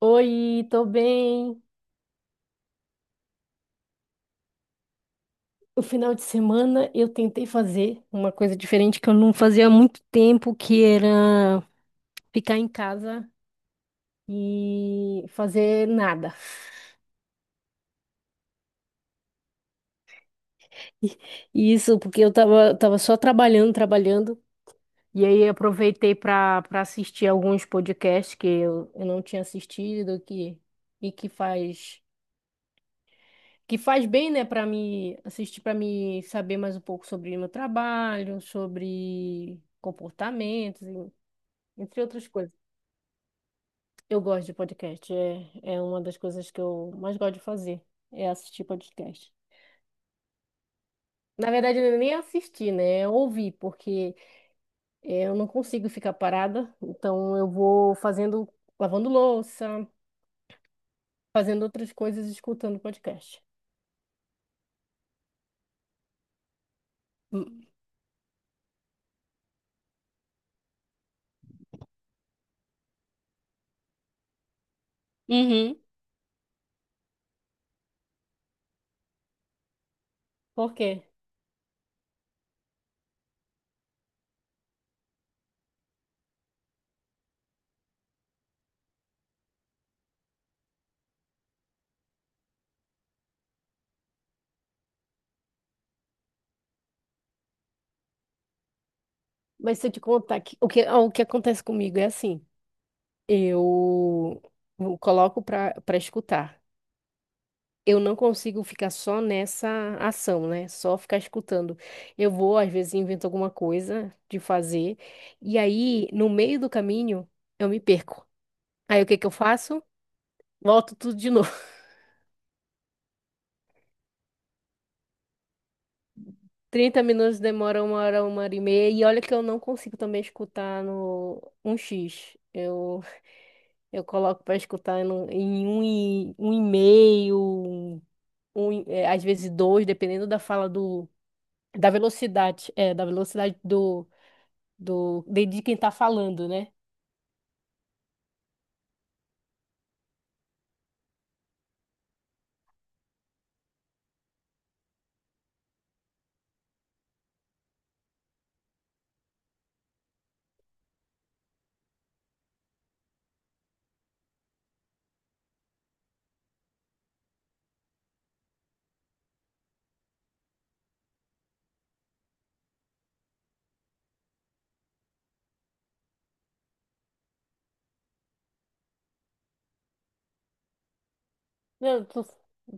Oi, tô bem. No final de semana eu tentei fazer uma coisa diferente que eu não fazia há muito tempo, que era ficar em casa e fazer nada. E e isso porque eu tava só trabalhando, trabalhando. E aí aproveitei para assistir alguns podcasts que eu não tinha assistido e que faz que faz bem, né, para me assistir, para me saber mais um pouco sobre o meu trabalho, sobre comportamentos. Entre outras coisas, eu gosto de podcast. É uma das coisas que eu mais gosto de fazer, é assistir podcast. Na verdade, eu nem assistir, né? É ouvir, porque eu não consigo ficar parada. Então, eu vou fazendo, lavando louça, fazendo outras coisas, escutando podcast. Hum. Uhum. Por quê? Mas se eu te contar que, o que, ah, o que acontece comigo é assim, eu eu coloco para escutar. Eu não consigo ficar só nessa ação, né? Só ficar escutando. Eu vou, às vezes, invento alguma coisa de fazer, e aí, no meio do caminho, eu me perco. Aí, o que que eu faço? Volto tudo de novo. 30 minutos demora uma hora e meia, e olha que eu não consigo também escutar no um x. Eu coloco para escutar em um e, um e meio, um, é, às vezes dois, dependendo da fala da velocidade, é, da velocidade de quem tá falando, né? Não, tu,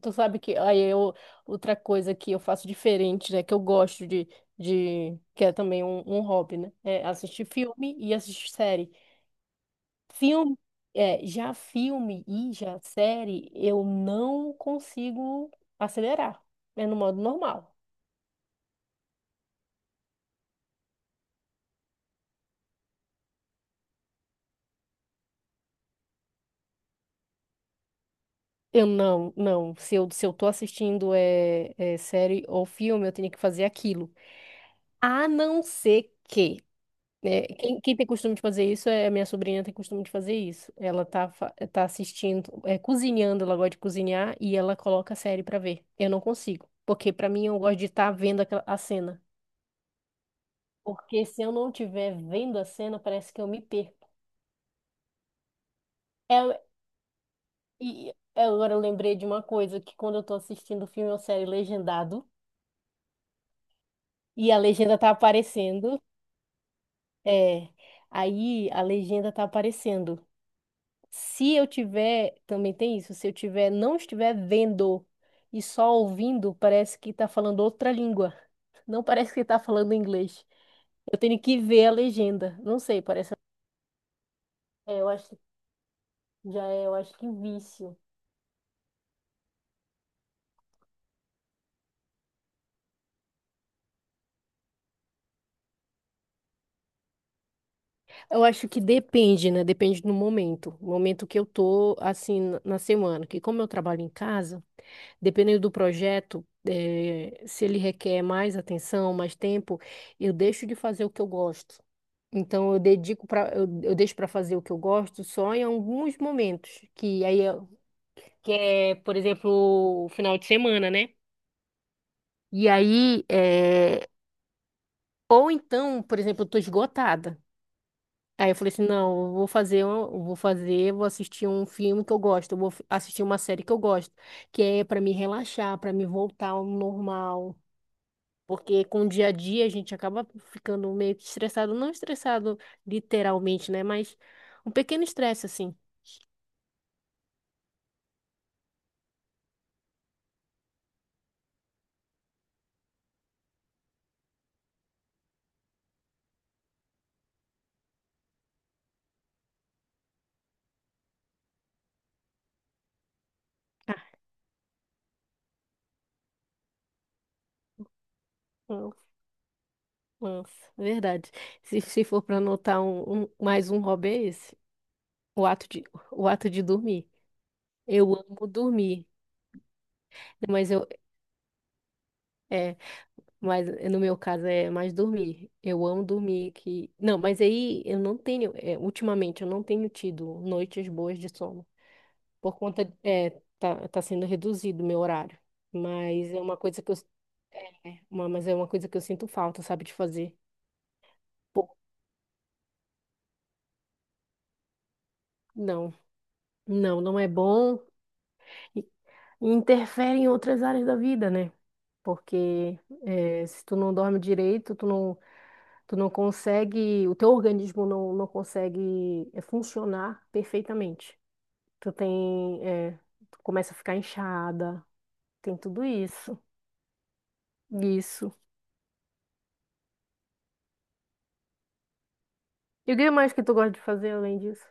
tu sabe que outra coisa que eu faço diferente, né? Que eu gosto de que é também um hobby, né? É assistir filme e assistir série. Filme, já filme e já série, eu não consigo acelerar. É no modo normal. Eu não, não. Se eu tô assistindo série ou filme, eu tenho que fazer aquilo. A não ser que. É, quem tem costume de fazer isso é a minha sobrinha tem costume de fazer isso. Ela tá assistindo, cozinhando, ela gosta de cozinhar e ela coloca a série pra ver. Eu não consigo, porque pra mim eu gosto de estar vendo a cena. Porque se eu não estiver vendo a cena, parece que eu me perco. É, e agora eu lembrei de uma coisa, que quando eu tô assistindo filme ou série legendado e a legenda tá aparecendo. é, Aí a legenda tá aparecendo. Se eu tiver, também tem isso, se eu tiver, não estiver vendo e só ouvindo, parece que tá falando outra língua. Não parece que tá falando inglês. Eu tenho que ver a legenda. Não sei, parece. É, eu acho, eu acho que vício. Eu acho que depende, né? Depende do momento. O momento que eu tô, assim, na semana. Que como eu trabalho em casa, dependendo do projeto, se ele requer mais atenção, mais tempo, eu deixo de fazer o que eu gosto. Então eu dedico eu deixo para fazer o que eu gosto só em alguns momentos, que é, por exemplo, o final de semana, né? E aí é, ou então, por exemplo, eu tô esgotada. Aí eu falei assim, não, eu vou fazer, um- eu vou fazer, vou assistir um filme que eu gosto, eu vou assistir uma série que eu gosto, que é para me relaxar, para me voltar ao normal. Porque com o dia a dia a gente acaba ficando meio que estressado, não estressado literalmente, né? Mas um pequeno estresse assim. Nossa, nossa, verdade. Se for para anotar mais um hobby é esse, o ato de, o ato de dormir. Eu amo dormir, mas eu é, mas no meu caso é mais dormir. Eu amo dormir que não, mas aí eu não tenho, ultimamente eu não tenho tido noites boas de sono por conta tá sendo reduzido o meu horário, mas é uma coisa que eu mas é uma coisa que eu sinto falta, sabe, de fazer. Pô, não, não, não é bom. E interfere em outras áreas da vida, né? Porque se tu não dorme direito, tu não consegue, o teu organismo não consegue funcionar perfeitamente. Tu tem, tu começa a ficar inchada, tem tudo isso. Isso. E o que mais que tu gosta de fazer além disso?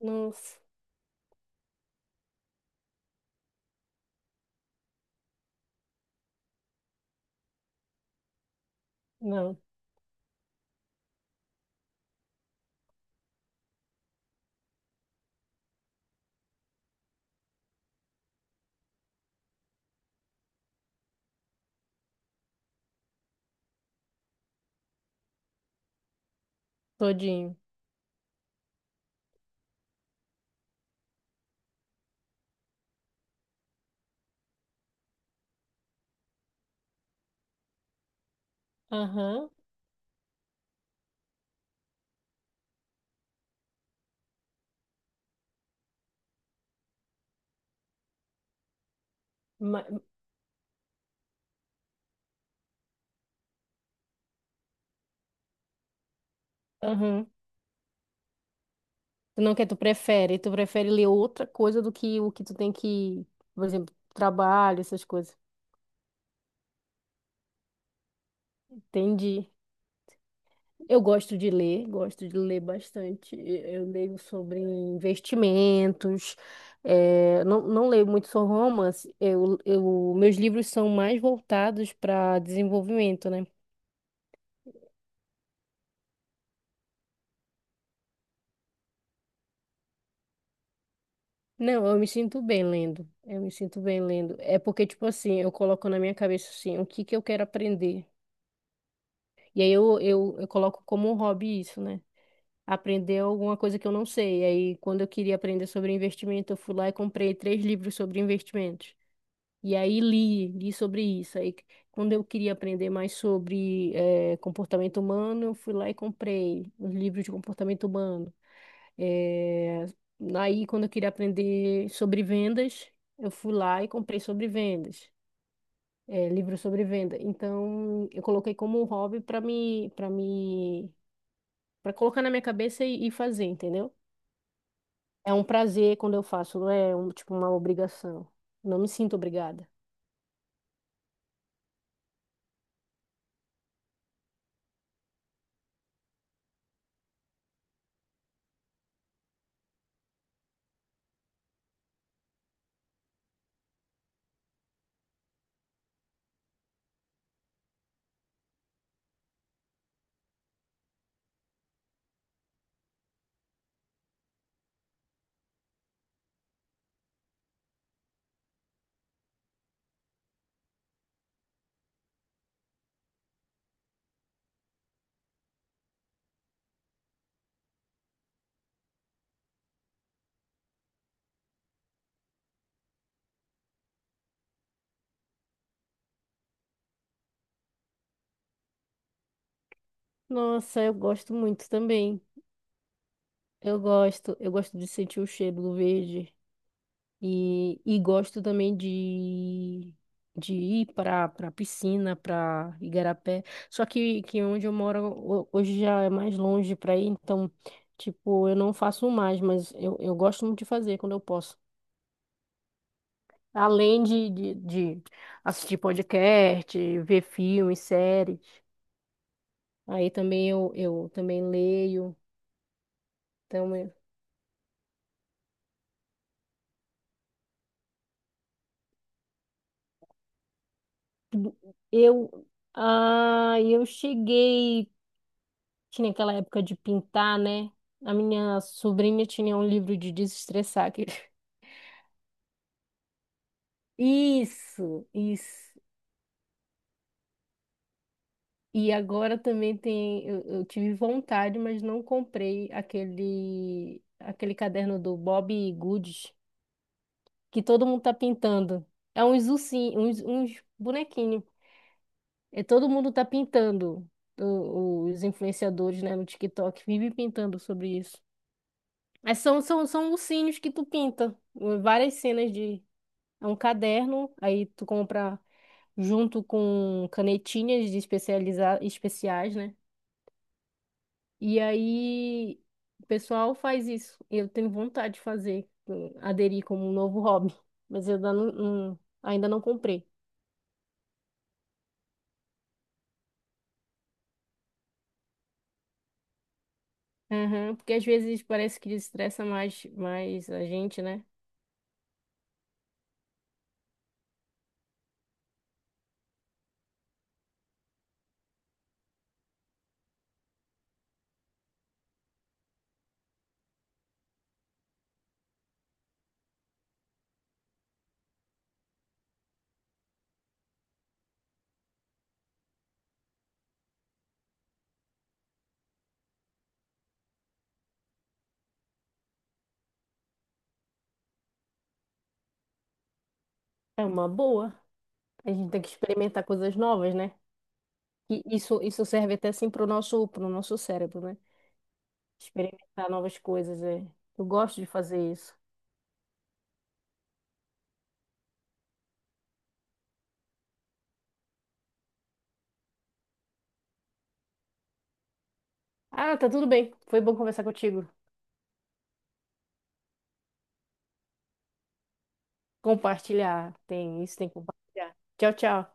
Nossa. Não, todinho. Aham. ma- Aham. Tu não quer, tu prefere ler outra coisa do que o que tu tem que, por exemplo, trabalho, essas coisas. Entendi. Eu gosto de ler bastante. Eu leio sobre investimentos, não, não leio muito sobre romance. Meus livros são mais voltados para desenvolvimento, né? Não, eu me sinto bem lendo. Eu me sinto bem lendo. É porque, tipo assim, eu coloco na minha cabeça assim, o que que eu quero aprender. E aí eu coloco como um hobby isso, né? Aprender alguma coisa que eu não sei. E aí, quando eu queria aprender sobre investimento, eu fui lá e comprei três livros sobre investimentos. E aí li sobre isso. Aí, quando eu queria aprender mais sobre comportamento humano, eu fui lá e comprei os livros de comportamento humano. Eh, aí, quando eu queria aprender sobre vendas, eu fui lá e comprei sobre vendas, livro sobre venda. Então, eu coloquei como um hobby para colocar na minha cabeça e fazer, entendeu? É um prazer quando eu faço, não é um, tipo uma obrigação. Não me sinto obrigada. Nossa, eu gosto muito também. Eu gosto de sentir o cheiro do verde e gosto também de ir para piscina, para Igarapé. Só que onde eu moro hoje já é mais longe para ir, então, tipo, eu não faço mais, mas eu gosto muito de fazer quando eu posso. Além de assistir podcast, ver filmes, séries. Aí também eu também leio. Então, eu, eu, eu cheguei. Tinha aquela época de pintar, né? A minha sobrinha tinha um livro de desestressar. Isso, isso. E agora também tem. Eu tive vontade, mas não comprei aquele caderno do Bob Goods, que todo mundo tá pintando. É uns ursinhos, uns bonequinhos. É, todo mundo tá pintando. Os influenciadores, né, no TikTok, vivem pintando sobre isso. Mas são ursinhos que tu pinta. Várias cenas de. É um caderno, aí tu compra junto com canetinhas de especiais, né? E aí o pessoal faz isso. Eu tenho vontade de fazer, aderir como um novo hobby, mas eu ainda não, ainda não comprei. Aham, porque às vezes parece que estressa mais, mais a gente, né? É uma boa. A gente tem que experimentar coisas novas, né? E isso serve até assim pro nosso cérebro, né? Experimentar novas coisas, é. Eu gosto de fazer isso. Ah, tá tudo bem. Foi bom conversar contigo. Compartilhar. Tem isso, tem que compartilhar. Tchau, tchau.